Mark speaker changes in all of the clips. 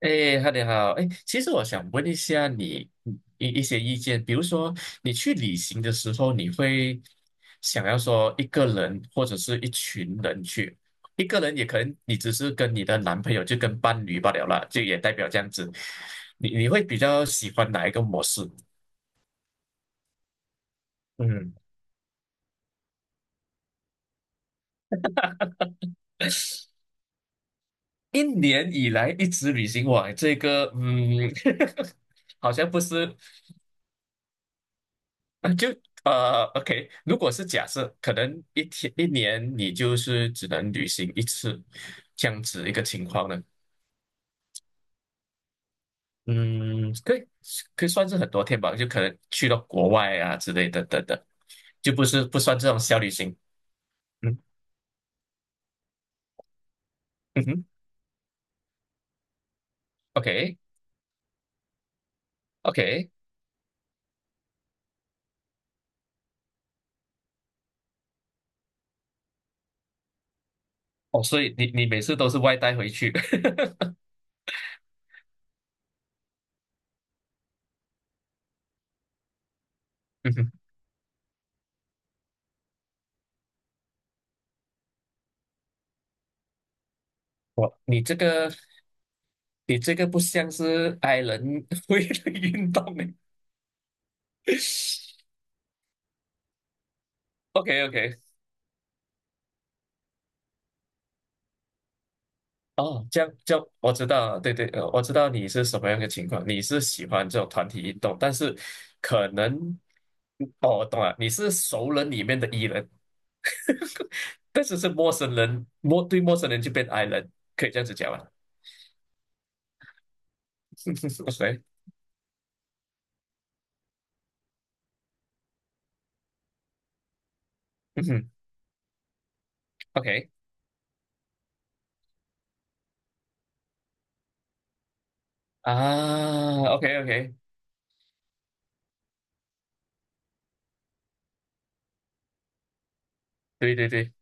Speaker 1: 哎哈，你好，哎，其实我想问一下你一些意见，比如说你去旅行的时候，你会想要说一个人或者是一群人去，一个人也可能你只是跟你的男朋友就跟伴侣罢了啦，就也代表这样子，你会比较喜欢哪一个模式？嗯，一年以来一直旅行，哇，这个好像不是。啊，就OK，如果是假设，可能一天一年你就是只能旅行一次，这样子一个情况呢，嗯，可以可以算是很多天吧，就可能去到国外啊之类的等等，就不算这种小旅行，嗯嗯哼，OK OK，哦，所以你每次都是外带回去，嗯哼，哇，你这个不像是 i 人 会的运动呢 o k o k 哦，这样就我知道对对，我知道你是什么样的情况，你是喜欢这种团体运动，但是可能，哦，我懂了，你是熟人里面的 E 人，但是是陌生人，对陌生人就变 I 人，可以这样子讲吧 ？OK，嗯哼，OK 啊，OK OK，对对对，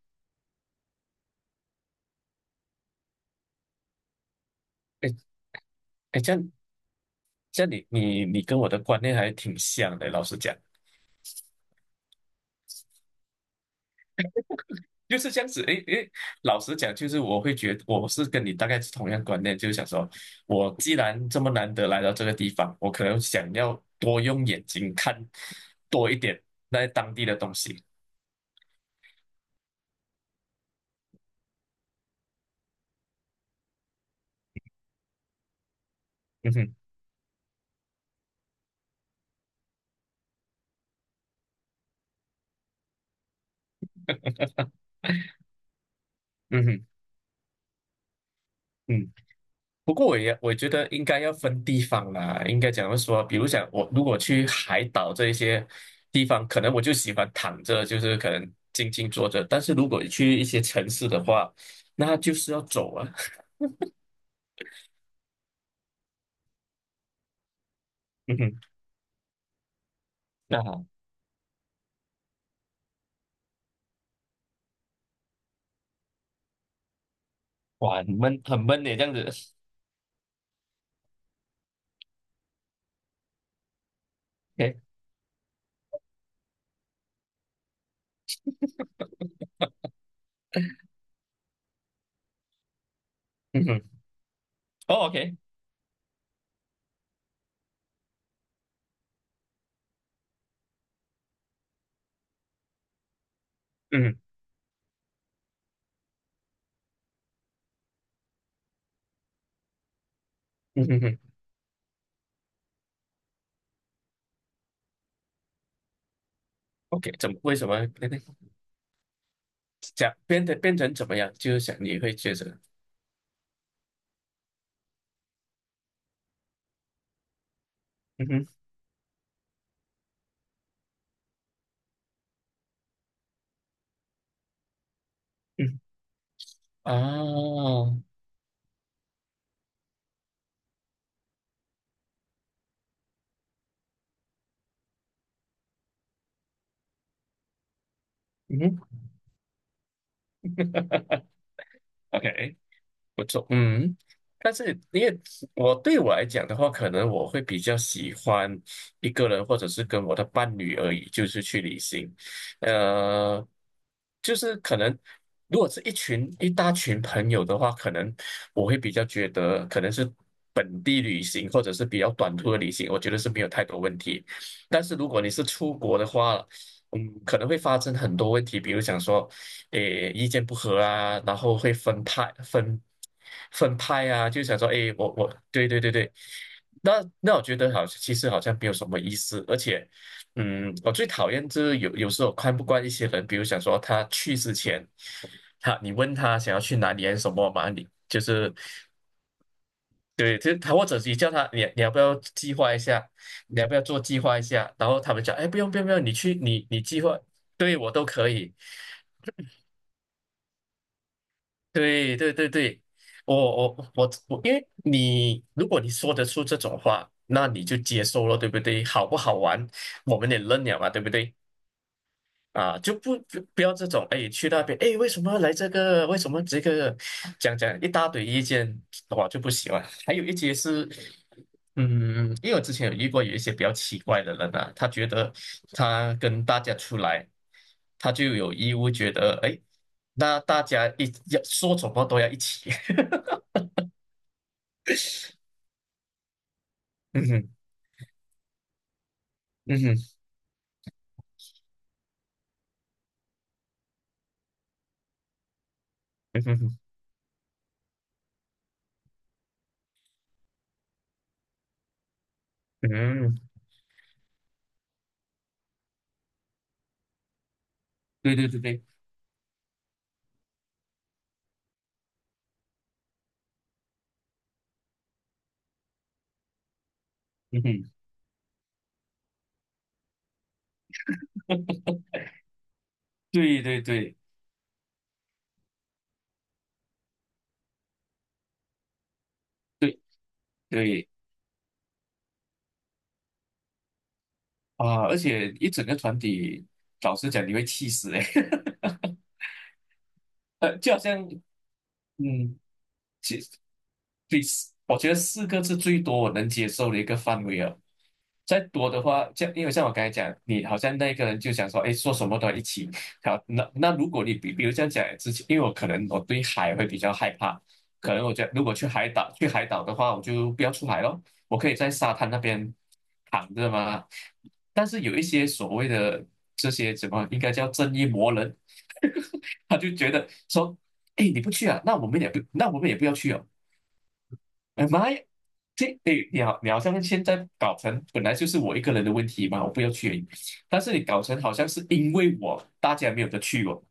Speaker 1: 哎哎，这样你跟我的观念还挺像的，老实讲。就是这样子，诶诶，老实讲，就是我会觉得我是跟你大概是同样观念，就是想说，我既然这么难得来到这个地方，我可能想要多用眼睛看多一点那当地的东西。嗯哼，嗯哼，嗯。不过我觉得应该要分地方啦，应该讲要说，比如讲我如果去海岛这一些地方，可能我就喜欢躺着，就是可能静静坐着，但是如果去一些城市的话，那就是要走啊。嗯哼。那好。哇，很闷，很闷的这样子。OK，嗯哼，哦，OK，嗯嗯嗯哼 o k 怎么为什么那个讲变得变成怎么样？就是想你会觉得，嗯哼嗯啊，嗯哼 ，OK。不错，嗯，但是因为我来讲的话，可能我会比较喜欢一个人，或者是跟我的伴侣而已，就是去旅行。呃，就是可能如果是一大群朋友的话，可能我会比较觉得可能是本地旅行或者是比较短途的旅行，我觉得是没有太多问题。但是如果你是出国的话，可能会发生很多问题，比如想说。诶意见不合啊，然后会分派啊，就想说诶，我对对对对，那那我觉得好，其实好像没有什么意思，而且我最讨厌就是有时候看不惯一些人，比如想说他去之前，你问他想要去哪里还是什么嘛，你就是对，就是他或者你叫他你要不要计划一下，你要不要做计划一下，然后他们讲哎不用不用不用，你去你计划。对我都可以，对对对对，我我，因为如果你说得出这种话，那你就接受了，对不对？好不好玩，我们也认了嘛，对不对？啊，就不要这种，哎，去那边，哎，为什么来这个？为什么这个？讲讲一大堆意见，我就不喜欢。还有一些是。因为我之前有遇过有一些比较奇怪的人啊，他觉得他跟大家出来，他就有义务觉得，哎，那大家一要说什么都要一起。嗯哼，嗯哼，嗯哼嗯，对对对对，嗯哼，对对对对对啊！而且一整个团体，老实讲，你会气死哎、就好像，嗯，其。对，我觉得四个是最多我能接受的一个范围了。再多的话，因为像我刚才讲，你好像那个人就想说，哎，做什么都要一起。好，那如果比如这样讲之前，因为我可能我对海会比较害怕，可能我觉得如果去海岛的话，我就不要出海咯，我可以在沙滩那边躺着嘛。但是有一些所谓的这些怎么应该叫正义魔人，他就觉得说，哎，你不去啊，那我们也不要去哦。哎妈呀，这对你好，你好像现在搞成本来就是我一个人的问题嘛，我不要去而已，但是你搞成好像是因为我大家没有得去哦。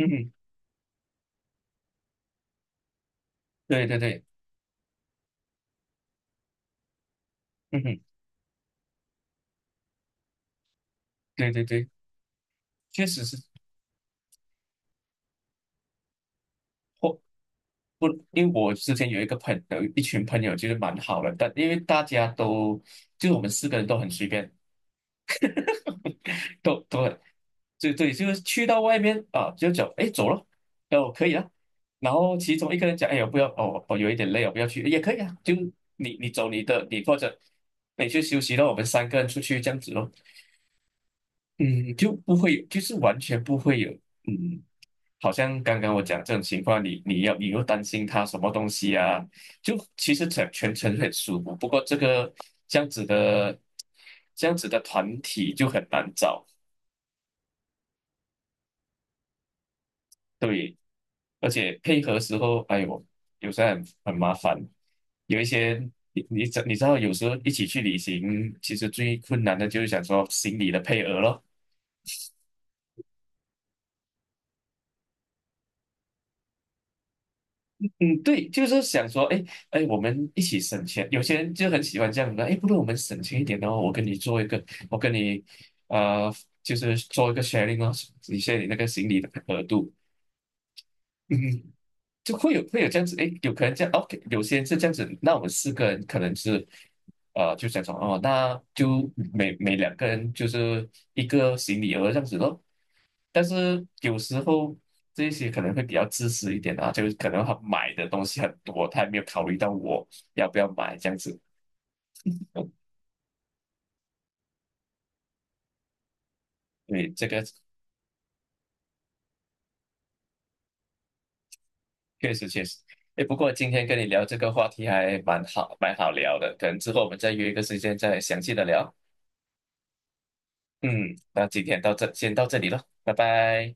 Speaker 1: 嗯哼，对对对，嗯哼，对对对，确实是或不，因为我之前有一个朋友，一群朋友就是蛮好的，但因为大家都就是我们四个人都很随便，都很对对，就是去到外面啊，就走，哎走了，哦可以啊，然后其中一个人讲哎呀不要哦我有一点累哦不要去也可以啊，就你走你的或者你去休息，了，我们三个人出去这样子咯，嗯就不会就是完全不会有嗯，好像刚刚我讲这种情况，你又担心他什么东西啊，就其实全程很舒服，不过这样子的这样子的团体就很难找。对，而且配合时候，哎呦，有时候很麻烦。有一些你知道，有时候一起去旅行，其实最困难的就是想说行李的配额咯。嗯，对，就是想说，哎哎，我们一起省钱。有些人就很喜欢这样的，哎，不如我们省钱一点哦，我跟你做一个，我跟你呃，就是做一个 sharing 哦，你 s h 你那个行李的额度。嗯。就会会有这样子，诶，有可能这样，OK，有些人是这样子，那我们四个人可能是，就想说，哦，那就每两个人就是一个行李额这样子咯。但是有时候这些可能会比较自私一点啊，就是可能他买的东西很多，他也没有考虑到我要不要买这样子。嗯，对，这个确实确实。诶，不过今天跟你聊这个话题还蛮好，蛮好聊的，可能之后我们再约一个时间再详细的聊。嗯，那今天到这，先到这里了，拜拜。